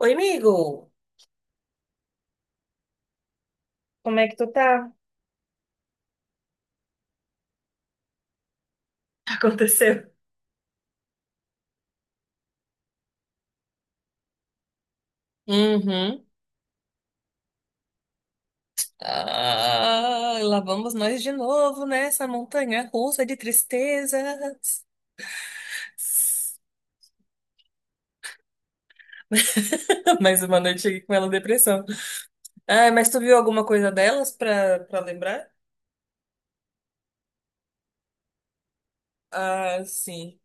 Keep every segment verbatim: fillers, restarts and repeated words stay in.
Oi, amigo. Como é que tu tá? Aconteceu? Uhum. Ah, lá vamos nós de novo nessa montanha russa de tristezas. Mais uma noite aqui com ela depressão. Ah, mas tu viu alguma coisa delas pra, pra lembrar? Ah, sim.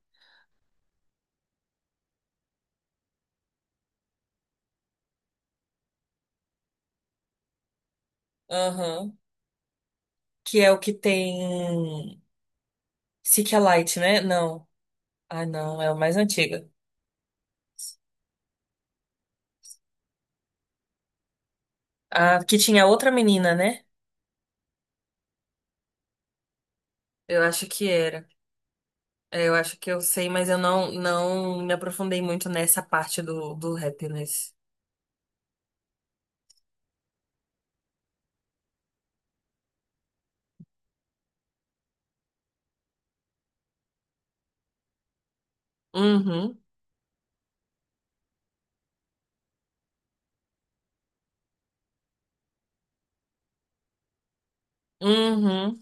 Aham. Que é o que tem Seek a Light, né? Não. Ah, não, é o mais antiga. Ah, que tinha outra menina, né? Eu acho que era. É, eu acho que eu sei, mas eu não, não me aprofundei muito nessa parte do, do happiness. Uhum, uhum.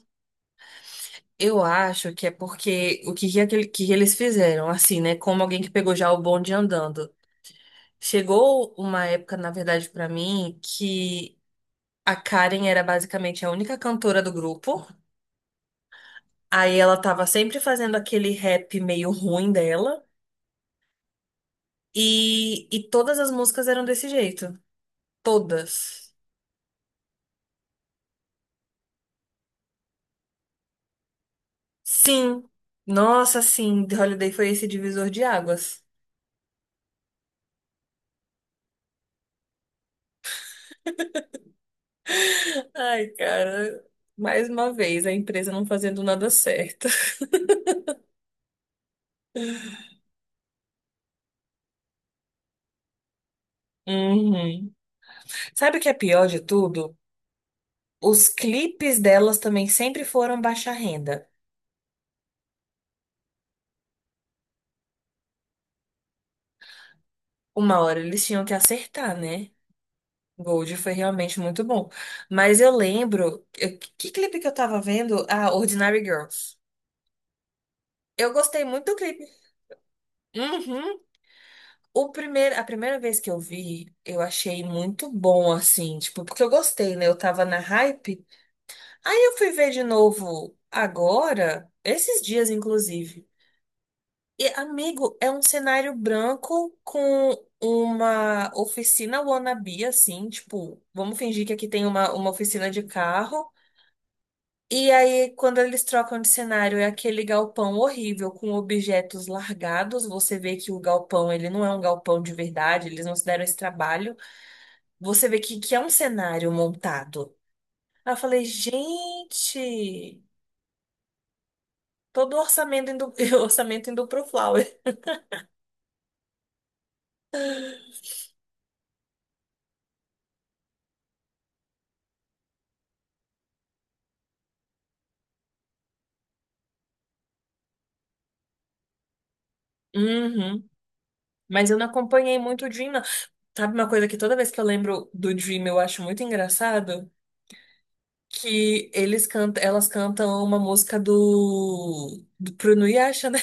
Eu acho que é porque o que, que, aquele- que que eles fizeram, assim, né? Como alguém que pegou já o bonde andando. Chegou uma época, na verdade, pra mim, que a Karen era basicamente a única cantora do grupo. Aí ela tava sempre fazendo aquele rap meio ruim dela. E, e todas as músicas eram desse jeito. Todas. Sim. Nossa, sim, The Holiday foi esse divisor de águas. Ai, cara, mais uma vez, a empresa não fazendo nada certo. Uhum. Sabe o que é pior de tudo? Os clipes delas também sempre foram baixa renda. Uma hora eles tinham que acertar, né? Gold foi realmente muito bom. Mas eu lembro. eu- que clipe que eu tava vendo? Ah, Ordinary Girls. Eu gostei muito do clipe. Uhum. O primeiro, a primeira vez que eu vi, eu achei muito bom, assim, tipo, porque eu gostei, né? Eu tava na hype. Aí eu fui ver de novo agora, esses dias, inclusive. E, amigo, é um cenário branco com uma oficina wannabe, assim, tipo, vamos fingir que aqui tem uma, uma oficina de carro. E aí, quando eles trocam de cenário, é aquele galpão horrível com objetos largados. Você vê que o galpão, ele não é um galpão de verdade, eles não se deram esse trabalho. Você vê que, que é um cenário montado. Aí eu falei, gente, todo o orçamento indo, o orçamento indo pro Flower. Uhum. Mas eu não acompanhei muito o Dream, não. Sabe uma coisa que toda vez que eu lembro do Dream eu acho muito engraçado? Que eles cantam, elas cantam uma música do, do Bruno Yasha, né?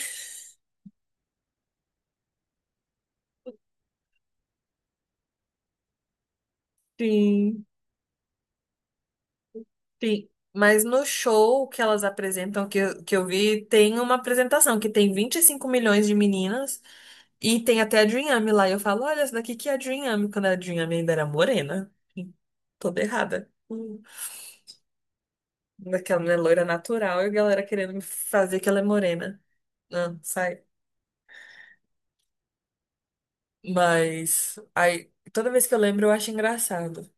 Sim, sim. Mas no show que elas apresentam, que, eu- que eu vi, tem uma apresentação que tem vinte e cinco milhões de meninas. E tem até a Dream lá. E eu falo, olha, essa daqui que é a Dream quando a Dream ainda era morena. Toda errada. Hum. Daquela mulher loira natural e a galera querendo me fazer que ela é morena. Não, sai. Mas aí, toda vez que eu lembro, eu acho engraçado.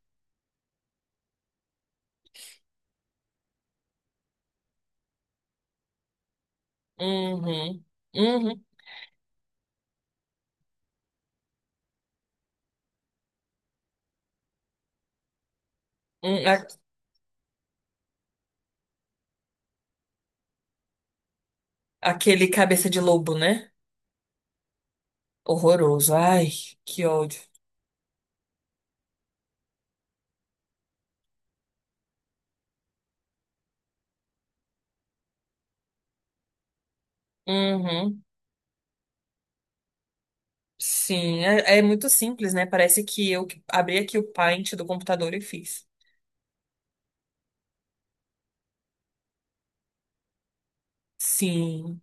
Uhum. Uhum. Hum, a- aquele cabeça de lobo, né? Horroroso. Ai, que ódio. Uhum. Sim, é, é muito simples, né? Parece que eu que abri aqui o Paint do computador e fiz. Sim.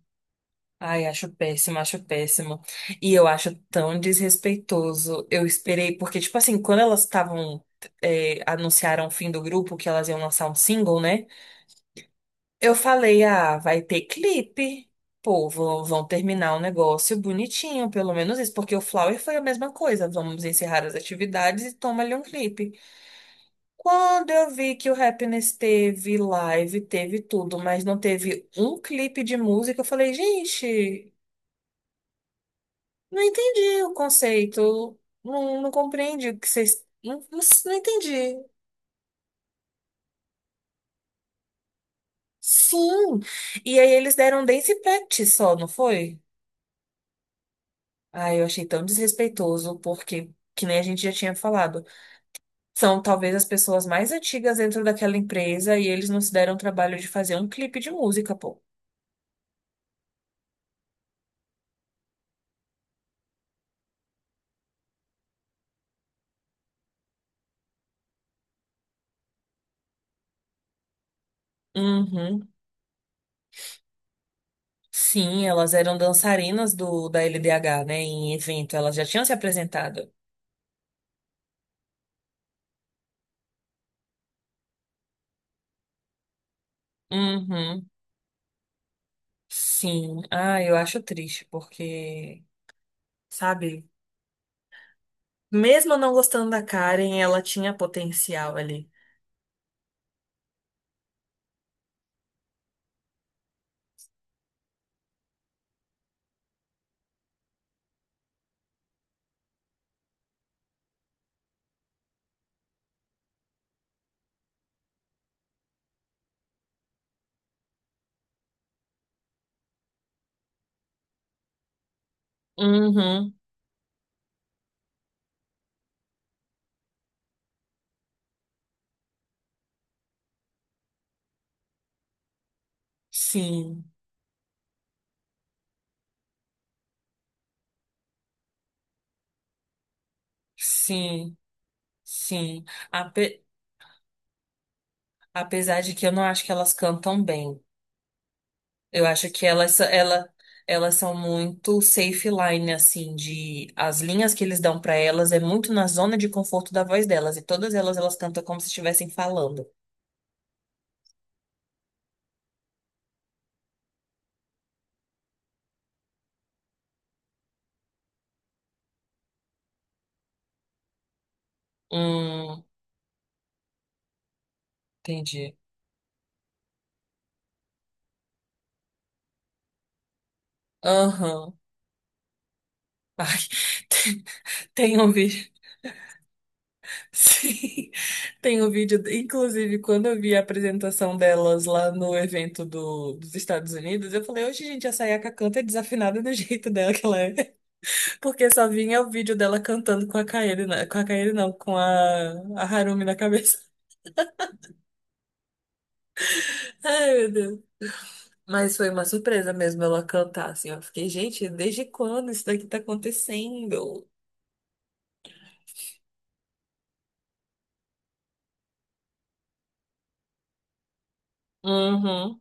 Ai, acho péssimo, acho péssimo. E eu acho tão desrespeitoso. Eu esperei, porque, tipo assim, quando elas estavam. é, anunciaram o fim do grupo, que elas iam lançar um single, né? Eu falei, ah, vai ter clipe. Pô, vão, vão terminar o negócio bonitinho, pelo menos isso, porque o Flower foi a mesma coisa. Vamos encerrar as atividades e toma ali um clipe. Quando eu vi que o Happiness teve live, teve tudo, mas não teve um clipe de música, eu falei, gente. Não entendi o conceito. Não, não compreendi o que vocês. Não, não não entendi. Sim. E aí eles deram um dance practice só, não foi? Ah, eu achei tão desrespeitoso, porque, que nem a gente já tinha falado, são talvez as pessoas mais antigas dentro daquela empresa e eles não se deram o trabalho de fazer um clipe de música, pô. Uhum. Sim, elas eram dançarinas do da L D H, né? Em evento, elas já tinham se apresentado. Uhum. Sim. Ah, eu acho triste, porque sabe? Mesmo não gostando da Karen, ela tinha potencial ali. Uhum, sim, sim, sim. Ape- apesar de que eu não acho que elas cantam bem. Eu acho que elas, ela, elas são muito safe line, assim, de as linhas que eles dão pra elas é muito na zona de conforto da voz delas. E todas elas, elas cantam como se estivessem falando. Hum, entendi. Aham. Ai, tem, tem um vídeo. Sim, tem um vídeo. Inclusive, quando eu vi a apresentação delas lá no evento do, dos Estados Unidos, eu falei, hoje, gente, a Sayaka canta é desafinada do jeito dela que ela é. Porque só vinha o vídeo dela cantando com a Kaede, na- com a Kaede não, com a, a Harumi na cabeça. Ai, meu Deus. Mas foi uma surpresa mesmo ela cantar, assim. Eu fiquei, gente, desde quando isso daqui tá acontecendo? Uhum,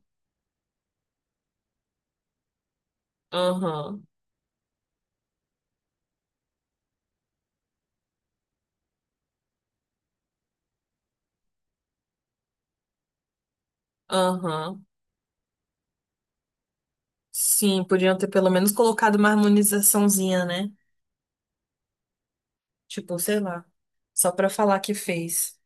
uhum, uhum. Sim, podiam ter pelo menos colocado uma harmonizaçãozinha, né? Tipo, sei lá. Só pra falar que fez.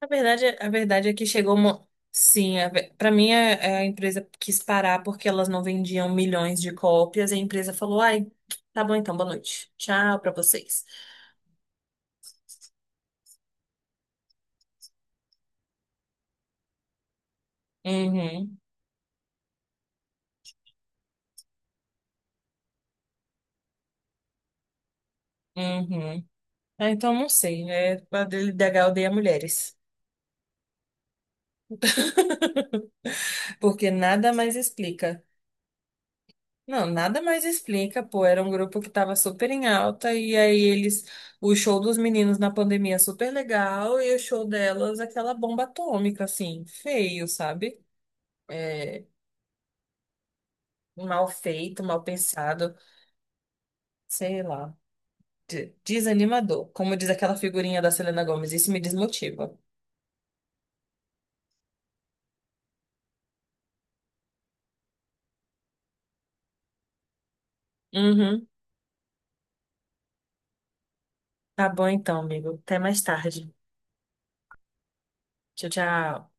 A verdade, é- a verdade é que chegou uma. Sim, a ve- pra mim a, a empresa quis parar porque elas não vendiam milhões de cópias e a empresa falou: ai, tá bom então, boa noite. Tchau pra vocês. Uhum, uhum. Ah, então não sei. É, a D H L odeia mulheres. Porque nada mais explica. Não, nada mais explica, pô. Era um grupo que tava super em alta, e aí eles. O show dos meninos na pandemia é super legal, e o show delas, aquela bomba atômica, assim, feio, sabe? É, mal feito, mal pensado, sei lá. de- Desanimador. Como diz aquela figurinha da Selena Gomez, isso me desmotiva. Uhum. Tá bom então, amigo. Até mais tarde. Tchau, tchau.